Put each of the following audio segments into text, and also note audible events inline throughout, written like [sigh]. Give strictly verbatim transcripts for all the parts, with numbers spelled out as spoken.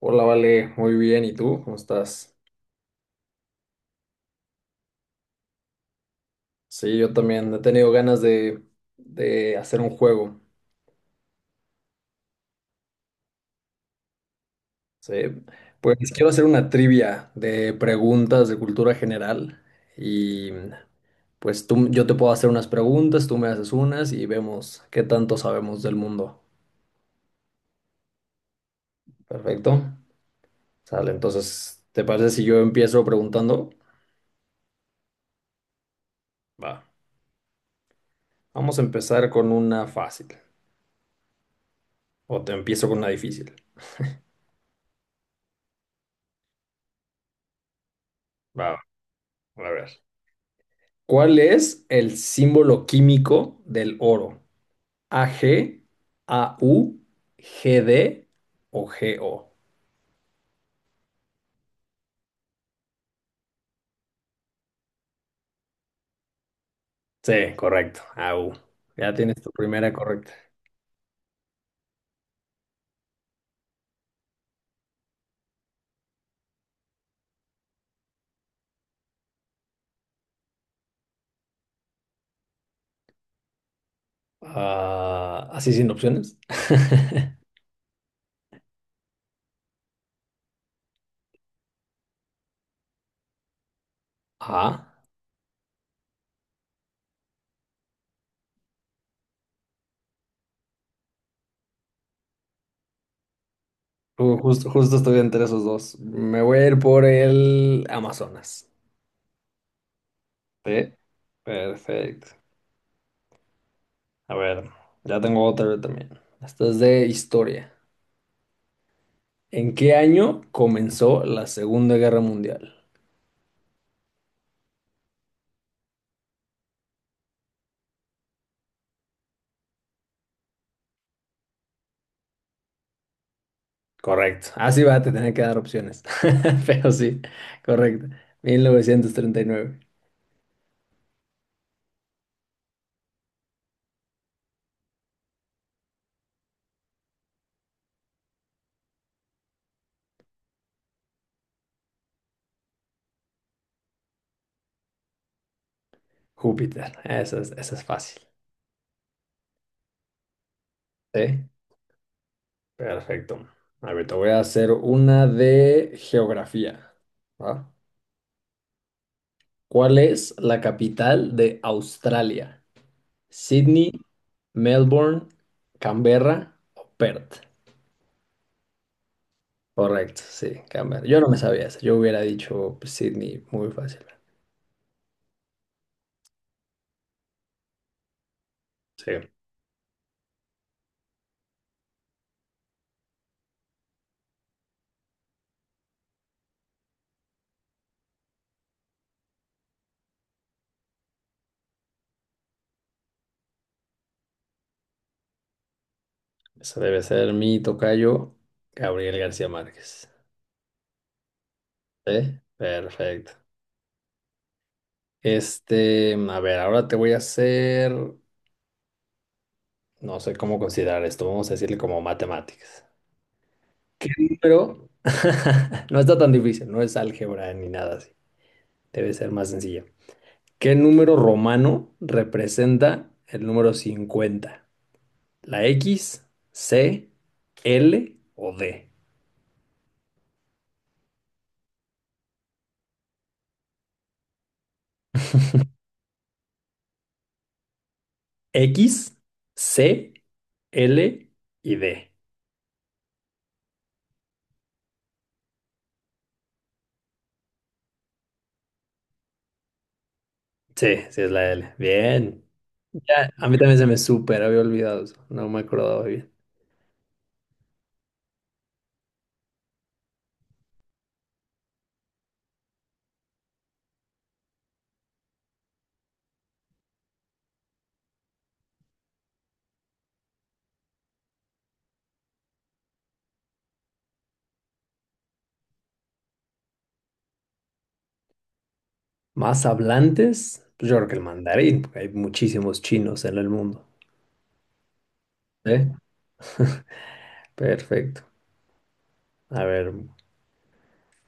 Hola, Vale, muy bien. ¿Y tú? ¿Cómo estás? Sí, yo también he tenido ganas de, de hacer un juego. Sí, pues quiero hacer una trivia de preguntas de cultura general y pues tú, yo te puedo hacer unas preguntas, tú me haces unas y vemos qué tanto sabemos del mundo. Perfecto. Sale, entonces, ¿te parece si yo empiezo preguntando? Va. Vamos a empezar con una fácil o te empiezo con una difícil. Va, a ver. ¿Cuál es el símbolo químico del oro? ¿AG, AU, GD o GO? Sí, correcto, AU. Ya tienes tu primera correcta. Ah, ¿así sin opciones? [laughs] Ah, ju- justo, justo estoy entre esos dos. Me voy a ir por el Amazonas. Sí, perfecto. A ver, ya tengo otra también. Esta es de historia. ¿En qué año comenzó la Segunda Guerra Mundial? Correcto. Así va a te tener que dar opciones. [laughs] Pero sí, correcto. Mil novecientos treinta y nueve. Júpiter. Esa es, esa es fácil. Sí, perfecto. A ver, te voy a hacer una de geografía. ¿Va? ¿Cuál es la capital de Australia? ¿Sydney, Melbourne, Canberra o Perth? Correcto, sí, Canberra. Yo no me sabía eso. Yo hubiera dicho pues, Sydney muy fácil. Sí. Eso debe ser mi tocayo, Gabriel García Márquez. ¿Sí? Perfecto. Este, a ver, ahora te voy a hacer, no sé cómo considerar esto, vamos a decirle como matemáticas. ¿Qué número? [laughs] No está tan difícil, no es álgebra ni nada así. Debe ser más sencilla. ¿Qué número romano representa el número cincuenta? ¿La X, C, L o D? X, C, L y D. Sí, sí es la L. Bien. Ya, a mí también se me súper había olvidado eso. No me acordaba bien. ¿Más hablantes? Pues yo creo que el mandarín, porque hay muchísimos chinos en el mundo. ¿Eh? Perfecto. A ver,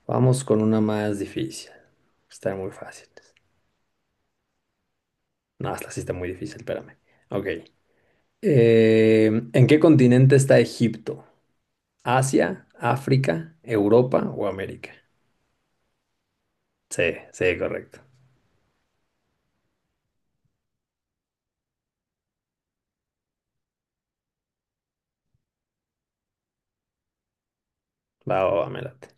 vamos con una más difícil. Está muy fácil. No, esta sí está muy difícil, espérame. Ok. Eh, ¿en qué continente está Egipto? ¿Asia, África, Europa o América? Sí, sí, correcto. Va, va, va, me late.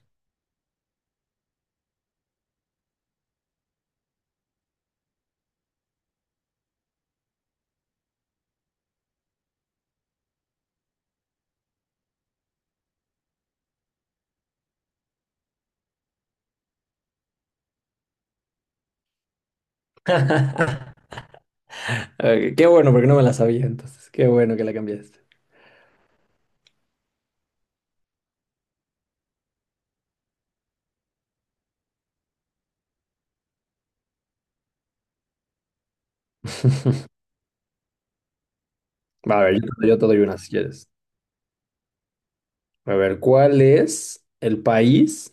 [laughs] Ok, qué bueno, porque no me la sabía entonces. Qué bueno que la cambiaste. [laughs] Va, a ver, yo, yo te doy una si quieres. A ver, ¿cuál es el país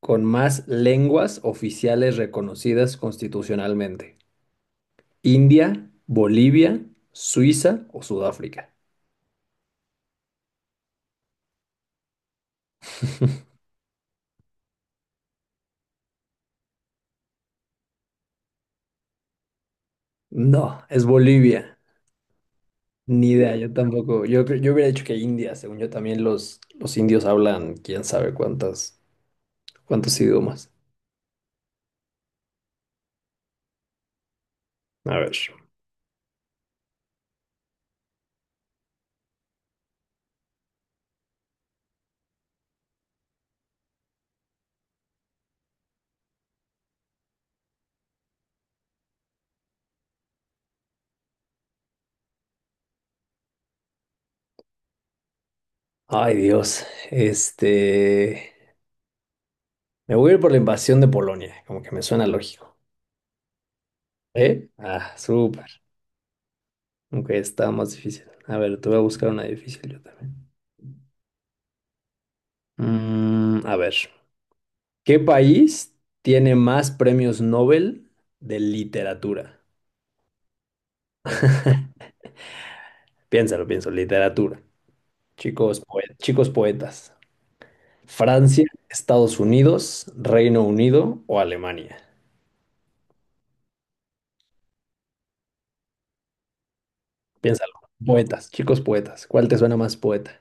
con más lenguas oficiales reconocidas constitucionalmente? ¿India, Bolivia, Suiza o Sudáfrica? No, es Bolivia. Ni idea, yo tampoco. Yo, cre- yo hubiera dicho que India, según yo también los, los indios hablan quién sabe cuántas, cuántos idiomas. A ver. Ay, Dios. Este. Me voy a ir por la invasión de Polonia, como que me suena lógico. ¿Eh? Ah, súper. Aunque está más difícil. A ver, te voy a buscar una difícil yo también. Mm, a ver, ¿qué país tiene más premios Nobel de literatura? [laughs] Piénsalo, pienso, literatura. Chicos, poe- chicos poetas. Francia, Estados Unidos, Reino Unido o Alemania. Piénsalo. Poetas, chicos poetas. ¿Cuál te suena más poeta?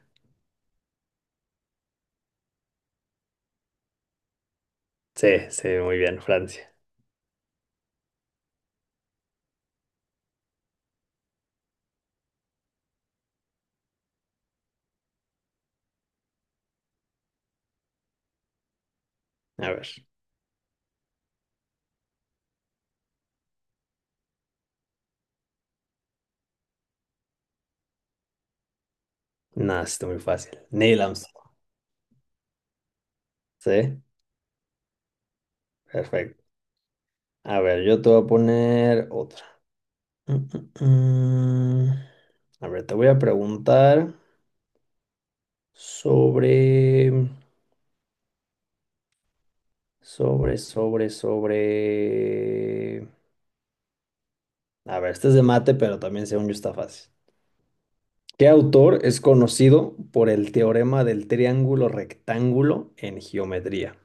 Sí, sí, muy bien, Francia. A ver. Nada, está muy fácil. Neil Armstrong. Sí, perfecto. A ver, yo te voy a poner otra. Mm, mm, mm. A ver, te voy a preguntar sobre, sobre, sobre, sobre... A ver, este es de mate, pero también según yo está fácil. ¿Qué autor es conocido por el teorema del triángulo rectángulo en geometría?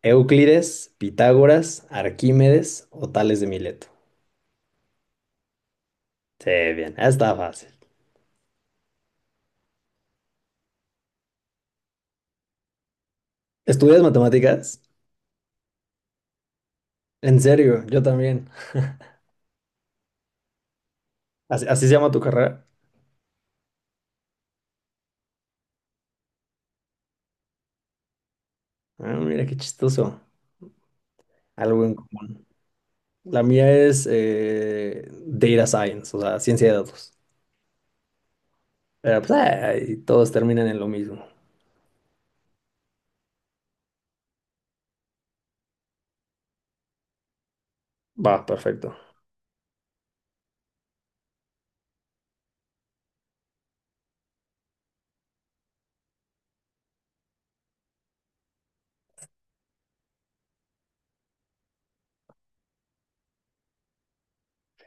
¿Euclides, Pitágoras, Arquímedes o Tales de Mileto? Sí, bien, está fácil. ¿Estudias matemáticas? En serio, yo también. ¿Así, así se llama tu carrera? Ah, mira qué chistoso. Algo en común. La mía es eh, Data Science, o sea, ciencia de datos. Pero pues, ay, todos terminan en lo mismo. Va, perfecto.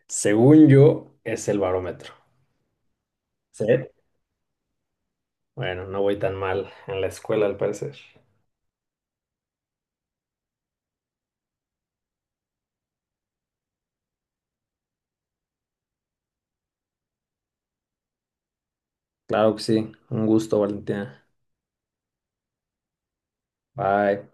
Según yo, es el barómetro. ¿Sí? Bueno, no voy tan mal en la escuela, al parecer. Claro que sí. Un gusto, Valentina. Bye.